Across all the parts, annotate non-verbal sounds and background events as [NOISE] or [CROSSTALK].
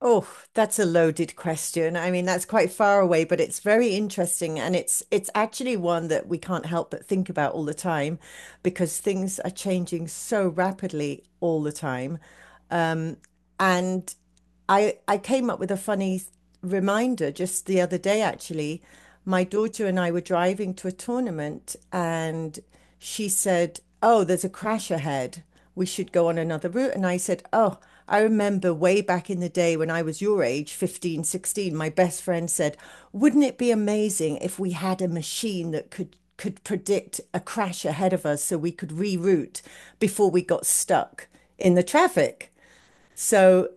Oh, that's a loaded question. I mean, that's quite far away, but it's very interesting, and it's actually one that we can't help but think about all the time because things are changing so rapidly all the time. And I came up with a funny reminder just the other day, actually. My daughter and I were driving to a tournament, and she said, "Oh, there's a crash ahead. We should go on another route." And I said, "Oh, I remember way back in the day when I was your age, 15, 16. My best friend said, wouldn't it be amazing if we had a machine that could predict a crash ahead of us so we could reroute before we got stuck in the traffic?" So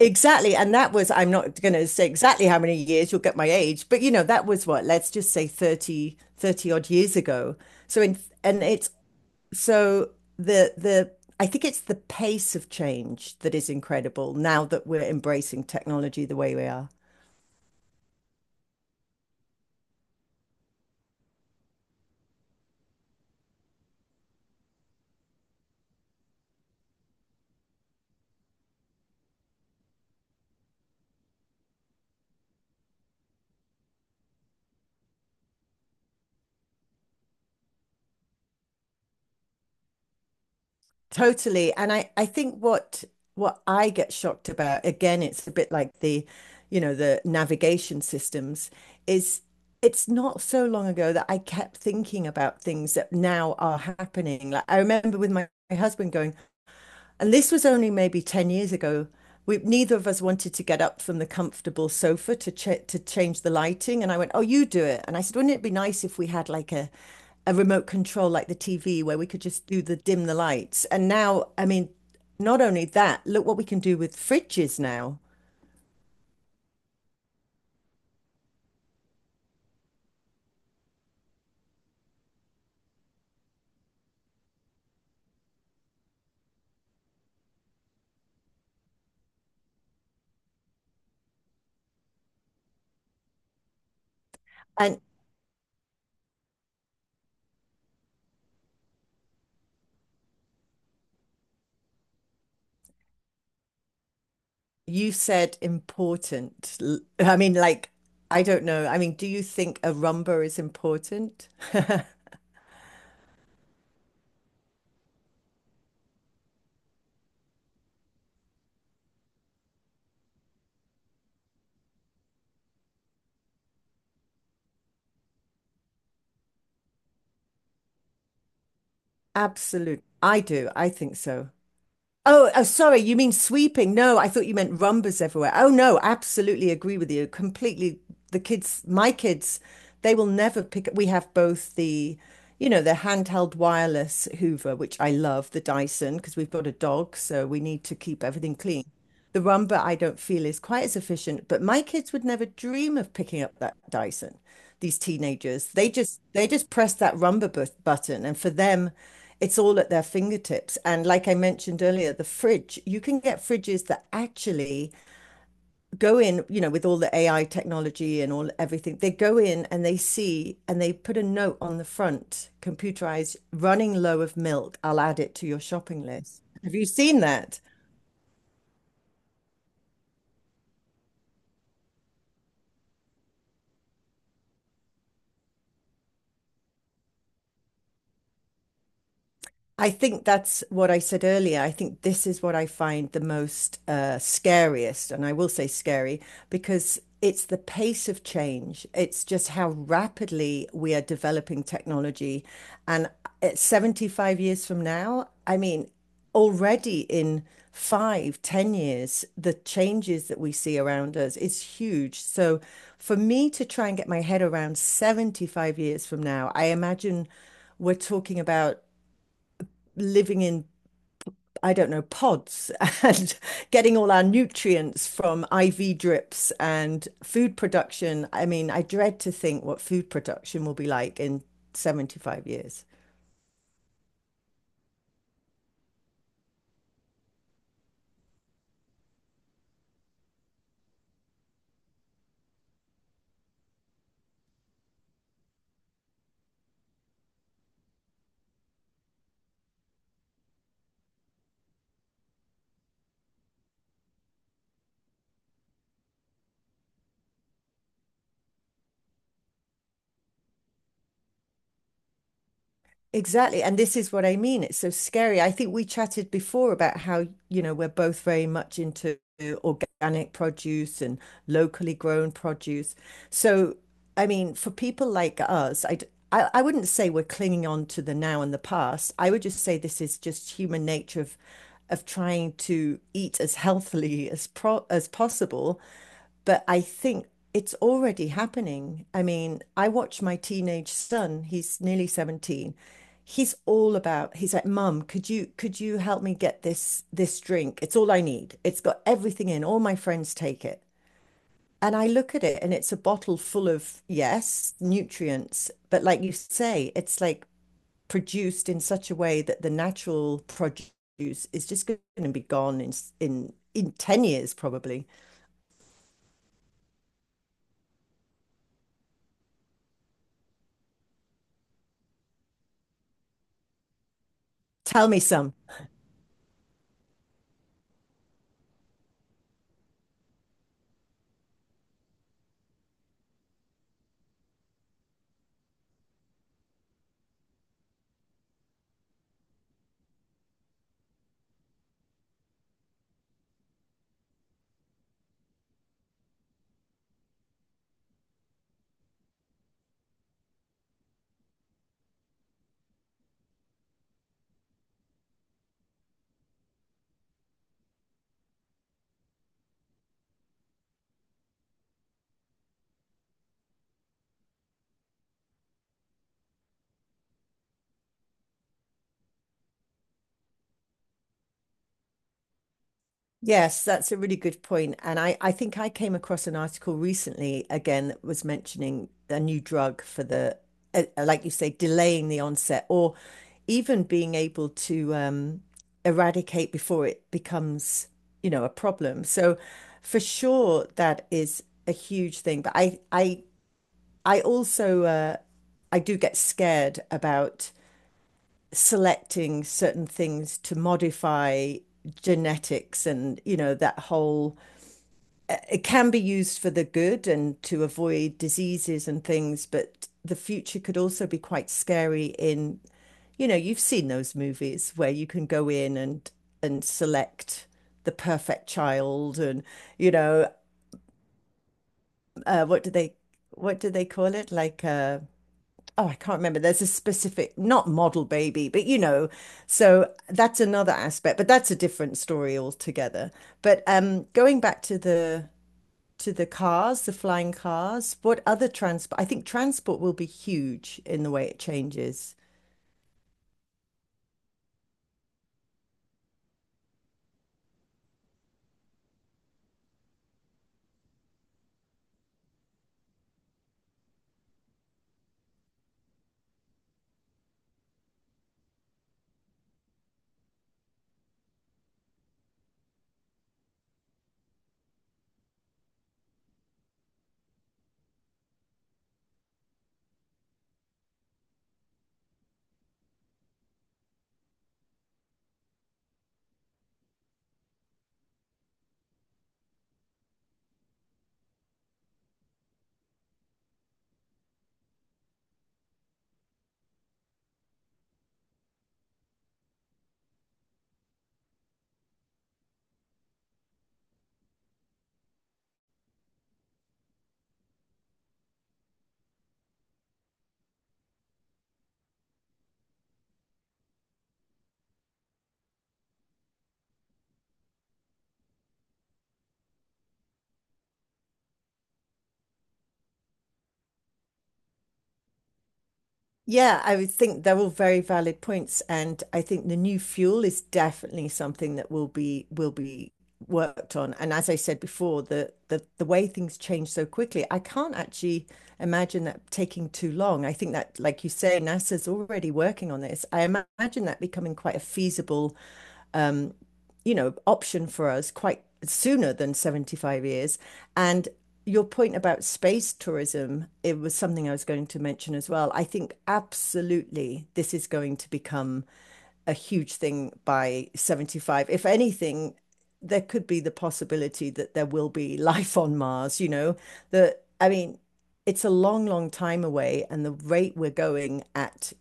Exactly. And that was, I'm not going to say exactly how many years, you'll get my age, but you know, that was what, let's just say 30, 30 odd years ago. So in, and it's, so the, I think it's the pace of change that is incredible now that we're embracing technology the way we are. Totally. And I think what I get shocked about, again, it's a bit like the navigation systems, is it's not so long ago that I kept thinking about things that now are happening. Like I remember with my husband going, and this was only maybe 10 years ago. We, neither of us wanted to get up from the comfortable sofa to to change the lighting. And I went, "Oh, you do it." And I said, "Wouldn't it be nice if we had like a remote control like the TV where we could just do the dim the lights?" And now, I mean, not only that, look what we can do with fridges now. And you said important. I mean, like, I don't know. I mean, do you think a rumba is important? [LAUGHS] Absolutely. I do. I think so. Oh, oh, sorry, you mean sweeping? No, I thought you meant rumbas everywhere. Oh, no, absolutely agree with you. Completely. The kids, my kids, they will never pick up. We have both the handheld wireless Hoover, which I love, the Dyson, because we've got a dog, so we need to keep everything clean. The rumba I don't feel is quite as efficient, but my kids would never dream of picking up that Dyson. These teenagers, they just press that rumba button, and for them, it's all at their fingertips. And like I mentioned earlier, the fridge, you can get fridges that actually go in, you know, with all the AI technology and all everything. They go in and they see and they put a note on the front, computerized, "Running low of milk. I'll add it to your shopping list." Have you seen that? I think that's what I said earlier. I think this is what I find the most scariest, and I will say scary because it's the pace of change. It's just how rapidly we are developing technology. And at 75 years from now, I mean, already in 5, 10 years, the changes that we see around us is huge. So for me to try and get my head around 75 years from now, I imagine we're talking about living in, I don't know, pods [LAUGHS] and getting all our nutrients from IV drips and food production. I mean, I dread to think what food production will be like in 75 years. Exactly. And this is what I mean. It's so scary. I think we chatted before about how, you know, we're both very much into organic produce and locally grown produce. So, I mean, for people like us, I wouldn't say we're clinging on to the now and the past. I would just say this is just human nature of trying to eat as healthily as pro as possible. But I think it's already happening. I mean, I watch my teenage son, he's nearly 17. He's all about, he's like, "Mum, could you help me get this drink? It's all I need. It's got everything in. All my friends take it." And I look at it and it's a bottle full of, yes, nutrients, but like you say, it's like produced in such a way that the natural produce is just going to be gone in in 10 years probably. Tell me some. Yes, that's a really good point. And I think I came across an article recently again that was mentioning a new drug for the like you say, delaying the onset or even being able to eradicate before it becomes, you know, a problem. So for sure, that is a huge thing. But I also, I do get scared about selecting certain things to modify genetics and, you know, that whole it can be used for the good and to avoid diseases and things, but the future could also be quite scary in, you know, you've seen those movies where you can go in and select the perfect child and, you know, uh, what do they what do they call it? Like oh, I can't remember. There's a specific, not model baby, but you know, so that's another aspect, but that's a different story altogether. But going back to the cars, the flying cars? What other transport? I think transport will be huge in the way it changes. Yeah, I would think they're all very valid points, and I think the new fuel is definitely something that will be worked on. And as I said before, the way things change so quickly, I can't actually imagine that taking too long. I think that, like you say, NASA's already working on this. I imagine that becoming quite a feasible, you know, option for us quite sooner than 75 years. And your point about space tourism, it was something I was going to mention as well. I think absolutely this is going to become a huge thing by 75. If anything, there could be the possibility that there will be [LAUGHS] life on Mars, you know, that I mean, it's a long, long time away, and the rate we're going at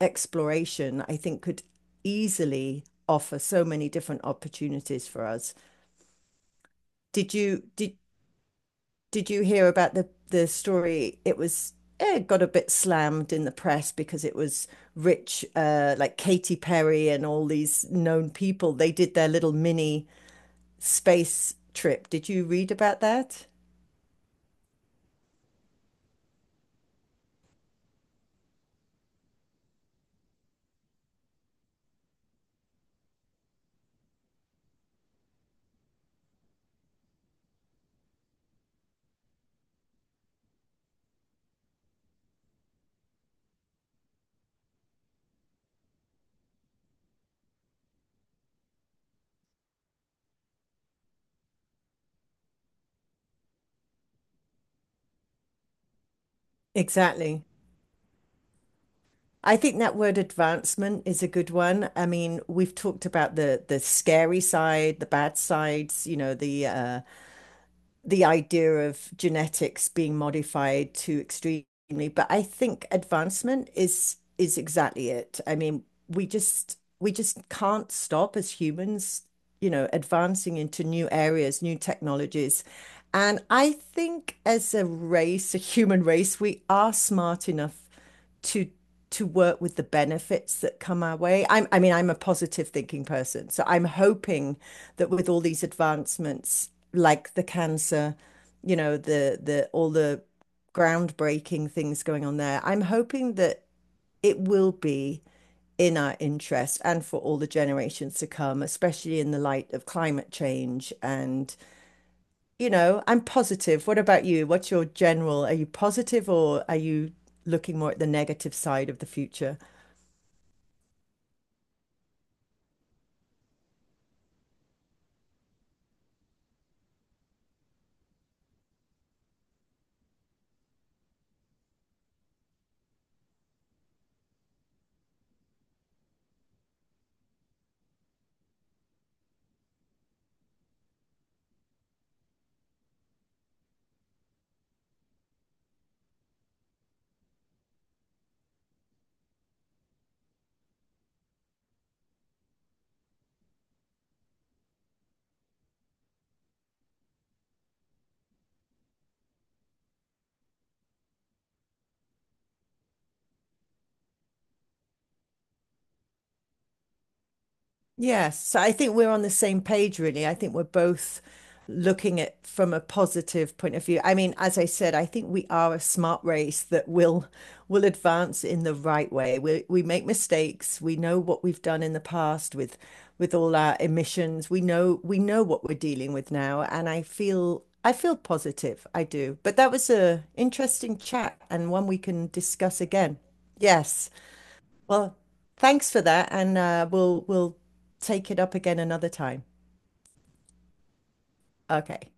exploration, I think, could easily offer so many different opportunities for us. Did you did did you hear about the story? It was it got a bit slammed in the press because it was rich, like Katy Perry and all these known people. They did their little mini space trip. Did you read about that? Exactly. I think that word advancement is a good one. I mean, we've talked about the scary side, the bad sides, you know, the idea of genetics being modified to extremely, but I think advancement is exactly it. I mean, we just can't stop as humans, you know, advancing into new areas, new technologies. And I think as a race, a human race, we are smart enough to work with the benefits that come our way. I mean, I'm a positive thinking person, so I'm hoping that with all these advancements, like the cancer, you know, the all the groundbreaking things going on there, I'm hoping that it will be in our interest and for all the generations to come, especially in the light of climate change. And, you know, I'm positive. What about you? What's your general? Are you positive or are you looking more at the negative side of the future? Yes, so I think we're on the same page, really. I think we're both looking at from a positive point of view. I mean, as I said, I think we are a smart race that will advance in the right way. We make mistakes. We know what we've done in the past with all our emissions. We know what we're dealing with now, and I feel positive. I do. But that was a interesting chat and one we can discuss again. Yes. Well, thanks for that, and we'll take it up again another time. Okay.